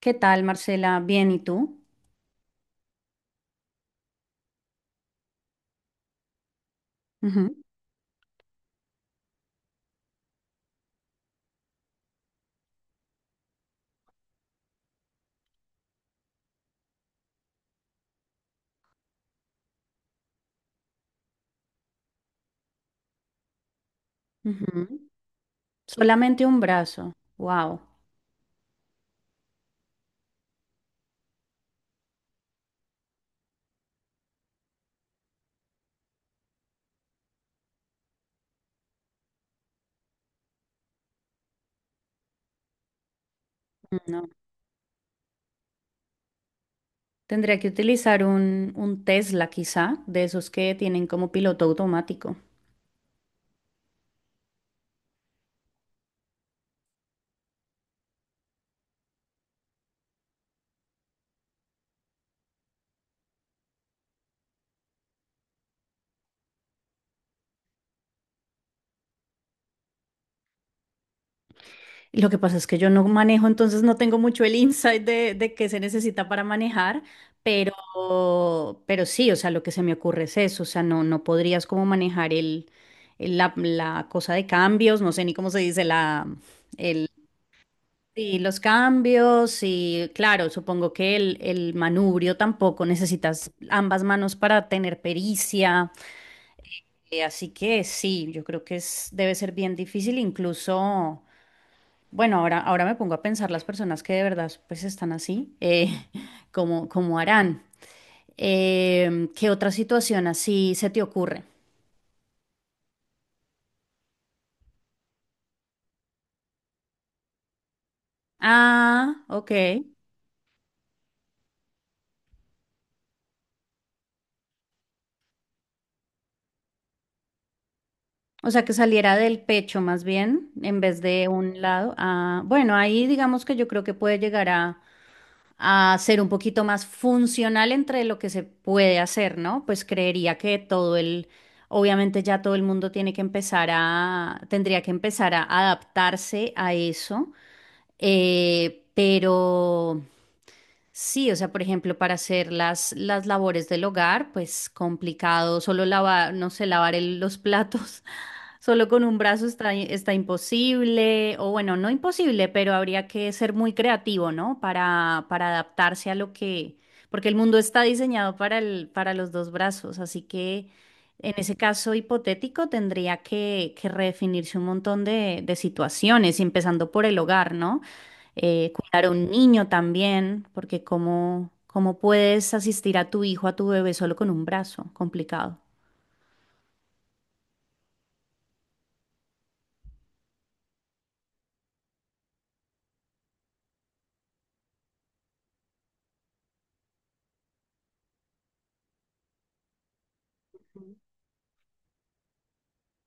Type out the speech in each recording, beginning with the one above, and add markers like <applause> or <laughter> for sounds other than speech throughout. ¿Qué tal, Marcela? Bien, ¿y tú? Ujú, ujú. Solamente un brazo. Wow. No. Tendría que utilizar un Tesla, quizá, de esos que tienen como piloto automático. Y lo que pasa es que yo no manejo, entonces no tengo mucho el insight de qué se necesita para manejar, pero, pero sí, o sea, lo que se me ocurre es eso, o sea, no, no podrías como manejar la cosa de cambios, no sé ni cómo se dice, la... Sí, los cambios y claro, supongo que el manubrio tampoco necesitas ambas manos para tener pericia. Así que sí, yo creo que es, debe ser bien difícil, incluso, bueno, ahora me pongo a pensar las personas que de verdad pues están así, <laughs> ¿cómo, cómo harán? ¿Qué otra situación así se te ocurre? Ah, ok. O sea, que saliera del pecho más bien, en vez de un lado. Ah, bueno, ahí digamos que yo creo que puede llegar a ser un poquito más funcional entre lo que se puede hacer, ¿no? Pues creería que todo el, obviamente ya todo el mundo tiene que empezar a, tendría que empezar a adaptarse a eso, pero... Sí, o sea, por ejemplo, para hacer las labores del hogar, pues complicado, solo lavar, no sé, lavar los platos, <laughs> solo con un brazo está, está imposible, o bueno, no imposible, pero habría que ser muy creativo, ¿no? Para adaptarse a lo que, porque el mundo está diseñado para el, para los dos brazos, así que en ese caso hipotético tendría que redefinirse un montón de situaciones, empezando por el hogar, ¿no? Cuidar a un niño también, porque cómo, cómo puedes asistir a tu hijo, a tu bebé solo con un brazo, complicado.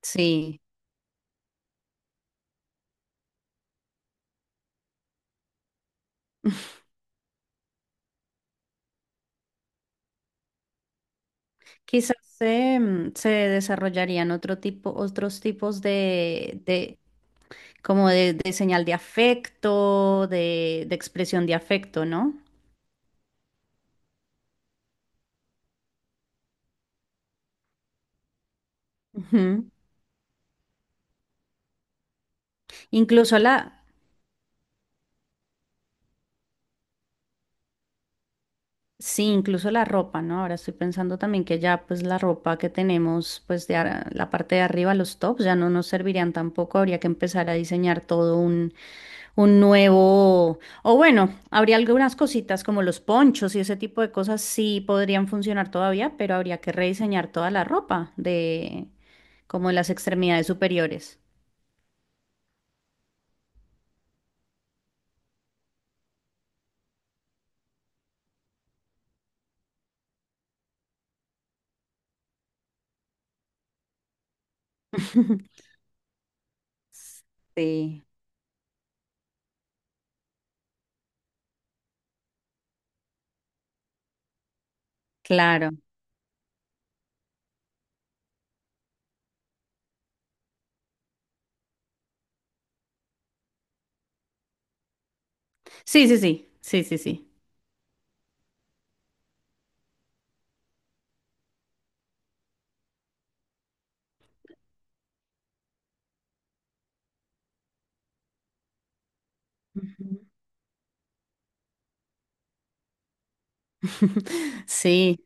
Sí, quizás se, se desarrollarían otro tipo, otros tipos de como de señal de afecto, de expresión de afecto, ¿no? Ujú. Incluso la... Sí, incluso la ropa, ¿no? Ahora estoy pensando también que ya pues la ropa que tenemos pues de ar- la parte de arriba, los tops, ya no nos servirían tampoco, habría que empezar a diseñar todo un nuevo, o bueno, habría algunas cositas como los ponchos y ese tipo de cosas sí podrían funcionar todavía, pero habría que rediseñar toda la ropa de como las extremidades superiores. <laughs> Sí, claro. Sí, sí, sí, sí, sí, sí. Ujú. <laughs> Sí.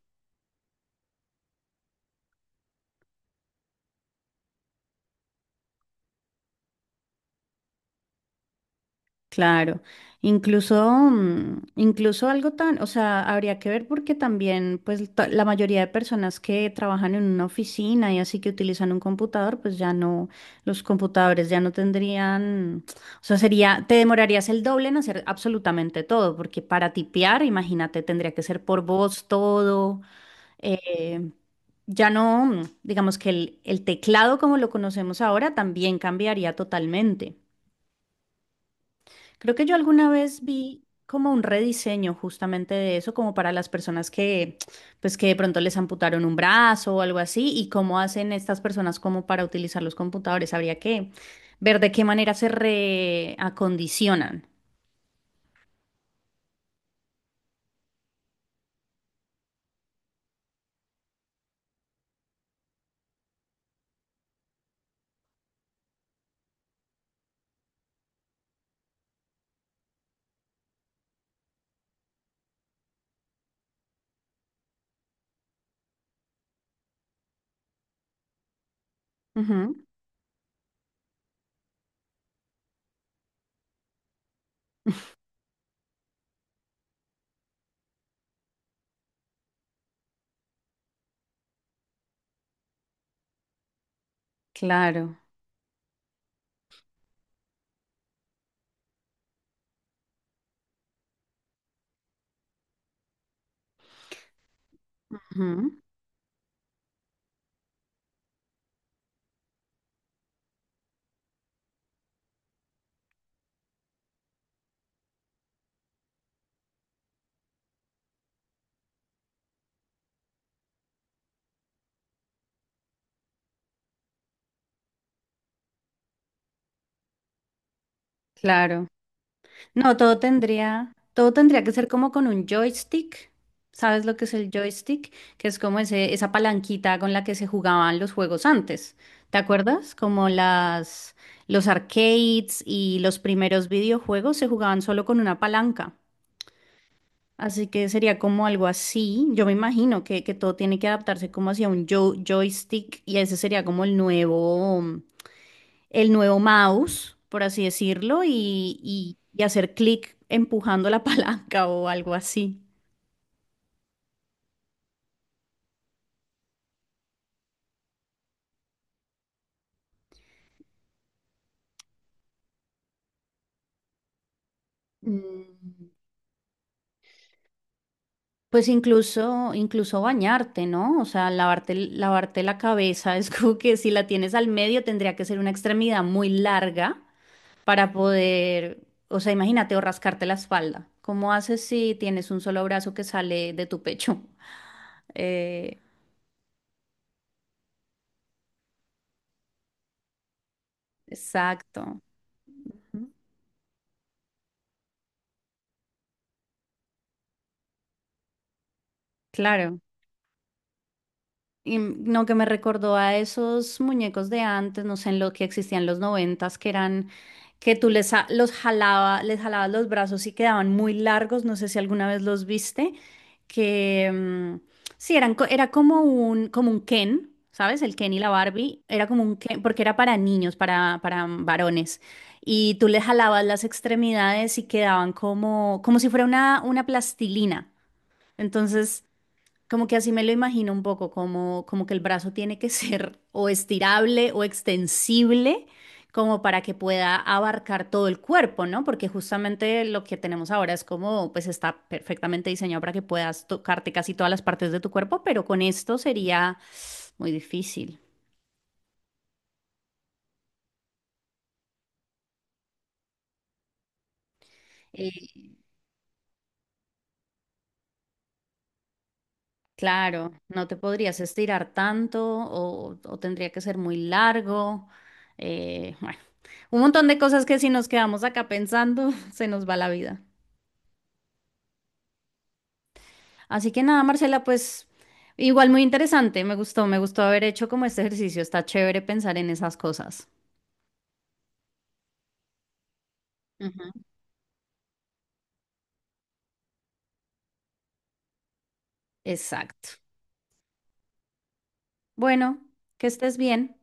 Claro, incluso, incluso algo tan, o sea, habría que ver porque también, pues, ta- la mayoría de personas que trabajan en una oficina y así que utilizan un computador, pues ya no, los computadores ya no tendrían, o sea, sería, te demorarías el doble en hacer absolutamente todo, porque para tipear, imagínate, tendría que ser por voz todo, eh, ya no, digamos que el teclado como lo conocemos ahora también cambiaría totalmente. Creo que yo alguna vez vi como un rediseño justamente de eso, como para las personas que, pues que de pronto les amputaron un brazo o algo así, y cómo hacen estas personas como para utilizar los computadores. Habría que ver de qué manera se reacondicionan. Ujú, claro, ujú, claro. No, todo tendría que ser como con un joystick. ¿Sabes lo que es el joystick? Que es como ese, esa palanquita con la que se jugaban los juegos antes. ¿Te acuerdas? Como las, los arcades y los primeros videojuegos se jugaban solo con una palanca. Así que sería como algo así. Yo me imagino que todo tiene que adaptarse como hacia un joystick y ese sería como el nuevo mouse, por así decirlo, y, y hacer clic empujando la <laughs> palanca o algo así. Mm. Pues incluso, incluso bañarte, ¿no? O sea, lavarte, lavarte la cabeza. <laughs> Es como que si la tienes al medio tendría que ser una extremidad muy larga para poder, o sea, imagínate, o rascarte la espalda. ¿Cómo haces si tienes un solo brazo que sale de tu pecho? <laughs> Eh, exacto. Claro. Y no, que me recordó a esos muñecos de antes, no sé, en lo que existían en los noventas, que eran, que tú los jalaba, les jalabas los brazos y quedaban muy largos, no sé si alguna vez los viste, que sí, eran, era como un Ken, ¿sabes? El Ken y la Barbie, era como un Ken, porque era para niños, para varones. Y tú les jalabas las extremidades y quedaban como, como si fuera una plastilina. Entonces... Como que así me lo imagino un poco, como, como que el brazo tiene que <laughs> ser o estirable o extensible, como para que pueda abarcar todo el cuerpo, ¿no? Porque justamente lo que tenemos ahora es como, pues está perfectamente diseñado para que puedas tocarte casi todas las partes de tu cuerpo, pero con esto sería muy difícil. Eh, claro, no te podrías estirar tanto o tendría que ser muy largo. Bueno, un montón de cosas que si nos quedamos acá pensando, <laughs> se nos va la vida. Así que nada, Marcela, pues igual muy interesante, me gustó haber hecho como este ejercicio, está chévere pensar en esas cosas. Ujú. Exacto. Bueno, que estés bien.